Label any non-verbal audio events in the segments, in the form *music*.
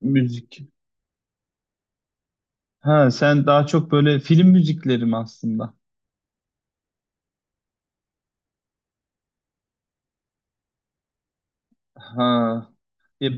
Müzik. Ha sen daha çok böyle film müzikleri mi aslında? Ha. E,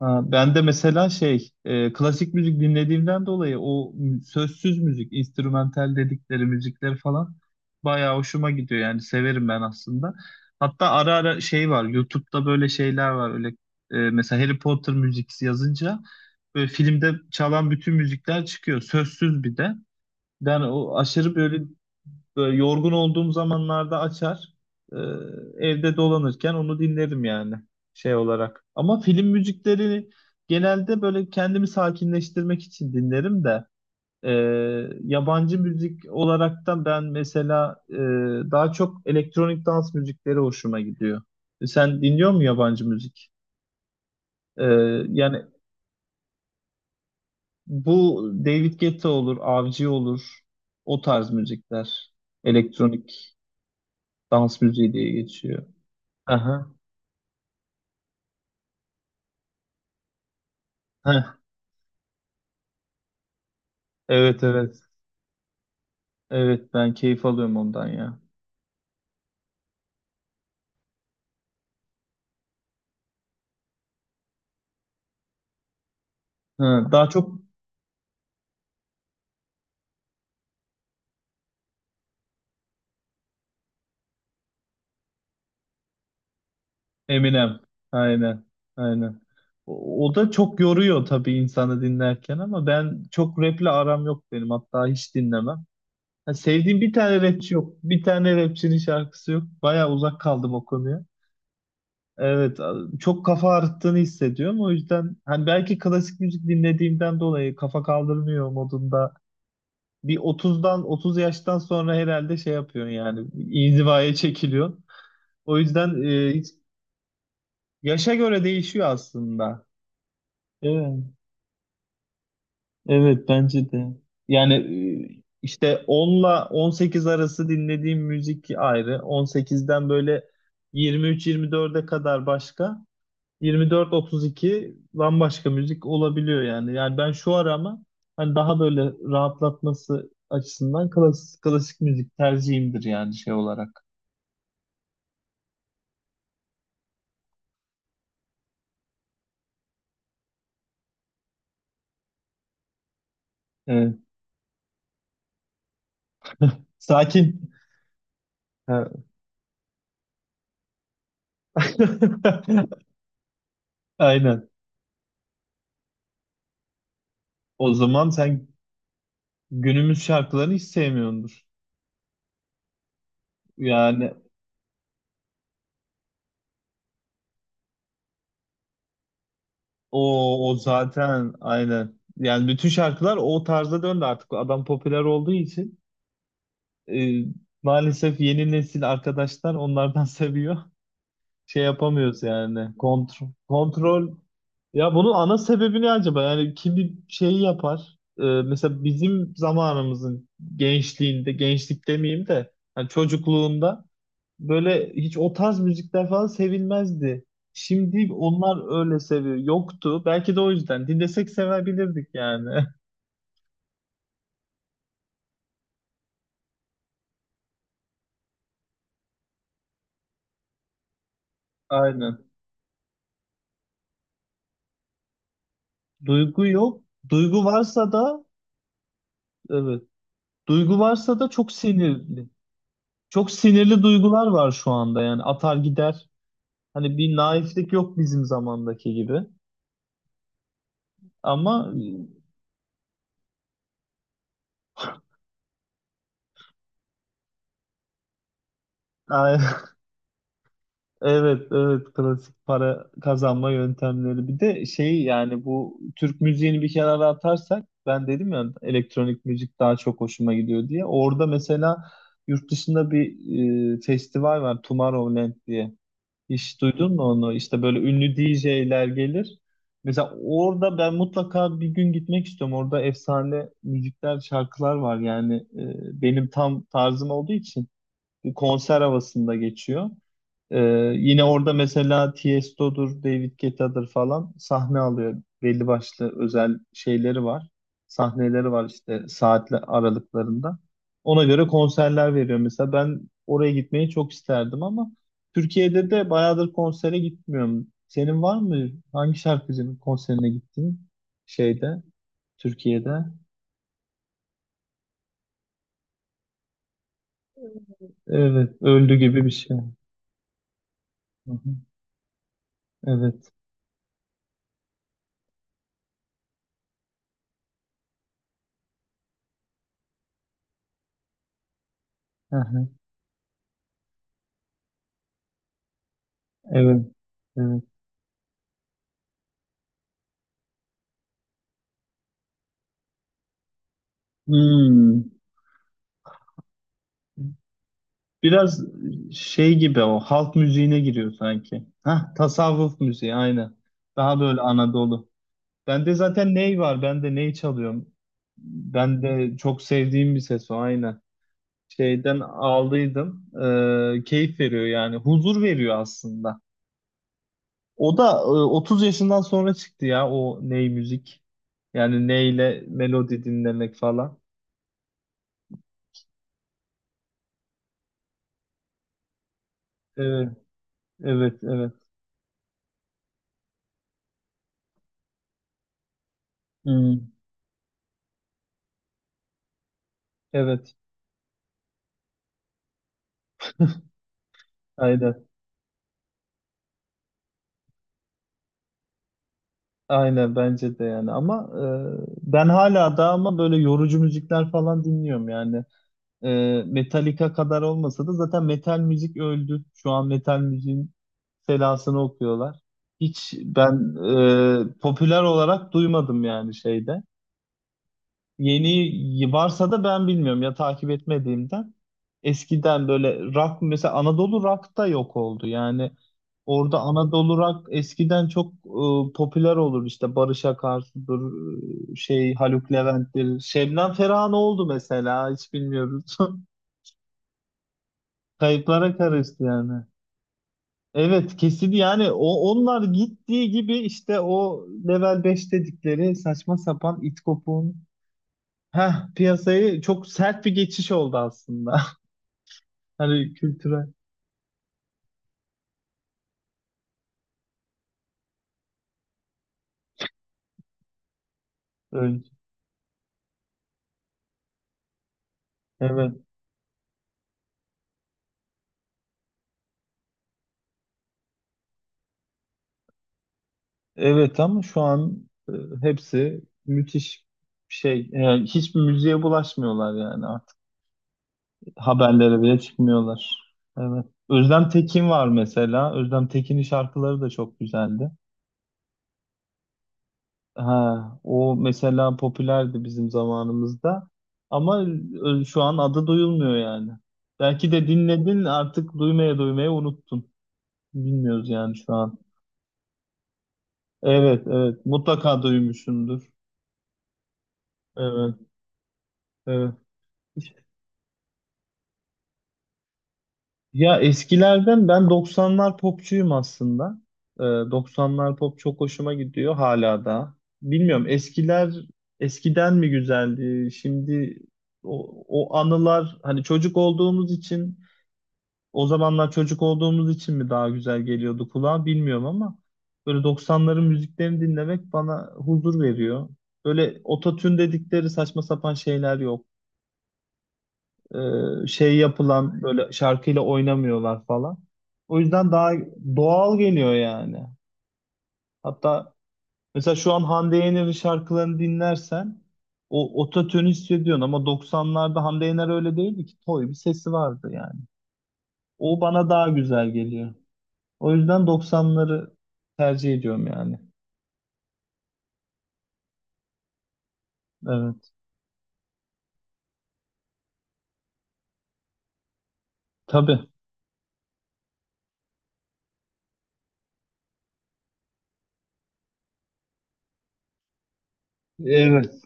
ha, ben de mesela şey klasik müzik dinlediğimden dolayı o sözsüz müzik, instrumental dedikleri müzikler falan bayağı hoşuma gidiyor yani severim ben aslında. Hatta ara ara şey var YouTube'da böyle şeyler var öyle mesela Harry Potter müziksi yazınca böyle filmde çalan bütün müzikler çıkıyor sözsüz bir de. Ben o aşırı böyle Böyle yorgun olduğum zamanlarda açar. e, Evde dolanırken onu dinlerim yani şey olarak. Ama film müzikleri genelde böyle kendimi sakinleştirmek için dinlerim de e, yabancı müzik olarak da ben mesela daha çok elektronik dans müzikleri hoşuma gidiyor. Sen dinliyor musun yabancı müzik? E, Yani bu David Guetta olur, Avcı olur. O tarz müzikler. Elektronik dans müziği diye geçiyor. Aha. Heh, evet, evet. Evet, ben keyif alıyorum ondan ya. Ha, daha çok Eminem. Aynen. Aynen. O, o da çok yoruyor tabii insanı dinlerken, ama ben çok rap'le aram yok benim. Hatta hiç dinlemem. Ha, sevdiğim bir tane rapçi yok. Bir tane rapçinin şarkısı yok. Baya uzak kaldım o konuya. Evet, çok kafa ağrıttığını hissediyorum. O yüzden hani belki klasik müzik dinlediğimden dolayı kafa kaldırmıyor modunda, bir otuzdan 30 yaştan sonra herhalde şey yapıyorsun yani inzivaya çekiliyorsun. O yüzden yaşa göre değişiyor aslında. Evet, evet bence de. Yani işte onla 18 arası dinlediğim müzik ayrı. On sekizden böyle 23-24'e kadar başka. 24-32 bambaşka müzik olabiliyor yani. Yani ben şu ara ama hani daha böyle rahatlatması açısından klasik müzik tercihimdir yani şey olarak. Evet. Sakin. Ha. *laughs* Aynen. O zaman sen günümüz şarkılarını hiç sevmiyordur. Yani o, o zaten aynen. Yani bütün şarkılar o tarza döndü artık. Adam popüler olduğu için e, maalesef yeni nesil arkadaşlar onlardan *laughs* seviyor. Şey yapamıyoruz yani. Kontrol kontrol. Ya bunun ana sebebi ne acaba? Yani kim şeyi yapar? Mesela bizim zamanımızın gençliğinde, gençlik demeyeyim de hani çocukluğunda böyle hiç o tarz müzikler falan sevilmezdi. Şimdi onlar öyle seviyor. Yoktu. Belki de o yüzden. Dinlesek sevebilirdik yani. *laughs* Aynen. Duygu yok. Duygu varsa da evet. Duygu varsa da çok sinirli. Çok sinirli duygular var şu anda yani. Atar gider. Hani bir naiflik yok bizim zamandaki gibi. Ama Ay, *laughs* evet, evet klasik para kazanma yöntemleri. Bir de şey yani bu Türk müziğini bir kenara atarsak, ben dedim ya elektronik müzik daha çok hoşuma gidiyor diye. Orada mesela yurt dışında bir festival var, Tomorrowland diye. Hiç duydun mu onu? İşte böyle ünlü D J'ler gelir. Mesela orada ben mutlaka bir gün gitmek istiyorum. Orada efsane müzikler, şarkılar var yani benim tam tarzım olduğu için. Bir konser havasında geçiyor. Ee, yine orada mesela Tiesto'dur, David Guetta'dır falan sahne alıyor. Belli başlı özel şeyleri var. Sahneleri var işte saatli aralıklarında. Ona göre konserler veriyor. Mesela ben oraya gitmeyi çok isterdim ama Türkiye'de de bayağıdır konsere gitmiyorum. Senin var mı? Hangi şarkıcının konserine gittin? Şeyde, Türkiye'de. Evet, öldü gibi bir şey. Hı hı. Evet. Hı hı. Evet. Evet. Hmm. Biraz şey gibi o halk müziğine giriyor sanki. Hah, tasavvuf müziği aynen. Daha böyle Anadolu. Bende zaten ney var? Ben de ney çalıyorum. Ben de çok sevdiğim bir ses o aynen. Şeyden aldıydım. Keyif veriyor yani. Huzur veriyor aslında. O da 30 yaşından sonra çıktı ya o ney müzik. Yani neyle melodi dinlemek falan. Evet, evet, evet. Hmm, evet. Aynen. Aynen bence de yani, ama ben hala da ama böyle yorucu müzikler falan dinliyorum yani. E, Metallica kadar olmasa da zaten metal müzik öldü. Şu an metal müziğin selasını okuyorlar. Hiç ben popüler olarak duymadım yani şeyde. Yeni varsa da ben bilmiyorum ya, takip etmediğimden. Eskiden böyle rock mesela Anadolu rock da yok oldu. Yani orada Anadolu rock eskiden çok popüler olur, işte Barış Akarsu'dur, şey Haluk Levent'tir. Şebnem Ferah oldu mesela, hiç bilmiyoruz. *laughs* Kayıplara karıştı yani. Evet, kesin yani, o onlar gittiği gibi işte o level 5 dedikleri saçma sapan it kopuğun. Heh, piyasayı çok sert bir geçiş oldu aslında. *laughs* Hani kültürel önce. Evet. Evet, ama şu an hepsi müthiş bir şey. Yani hiçbir müziğe bulaşmıyorlar yani artık. Haberlere bile çıkmıyorlar. Evet. Özlem Tekin var mesela. Özlem Tekin'in şarkıları da çok güzeldi. Ha, o mesela popülerdi bizim zamanımızda. Ama şu an adı duyulmuyor yani. Belki de dinledin, artık duymaya duymaya unuttun. Bilmiyoruz yani şu an. Evet, evet. Mutlaka duymuşumdur. Evet, evet. Ya eskilerden ben 90'lar popçuyum aslında. 90'lar pop çok hoşuma gidiyor hala da. Bilmiyorum eskiler eskiden mi güzeldi? Şimdi o anılar hani çocuk olduğumuz için. O zamanlar çocuk olduğumuz için mi daha güzel geliyordu kulağa bilmiyorum, ama böyle 90'ların müziklerini dinlemek bana huzur veriyor. Böyle ototune dedikleri saçma sapan şeyler yok. Şey yapılan böyle şarkıyla oynamıyorlar falan. O yüzden daha doğal geliyor yani. Hatta mesela şu an Hande Yener'in şarkılarını dinlersen o ototune hissediyorsun, ama 90'larda Hande Yener öyle değildi ki. Toy bir sesi vardı yani. O bana daha güzel geliyor. O yüzden 90'ları tercih ediyorum yani. Evet. Tabii. Evet.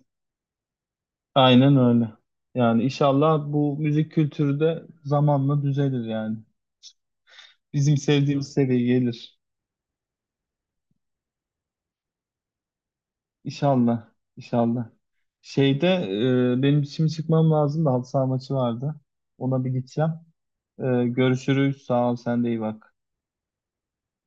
Aynen öyle. Yani inşallah bu müzik kültürü de zamanla düzelir yani. Bizim sevdiğimiz seviyeye gelir. İnşallah. İnşallah. Şeyde benim şimdi çıkmam lazım da halı saha maçı vardı. Ona bir gideceğim. Görüşürüz. Sağ ol. Sen de iyi bak.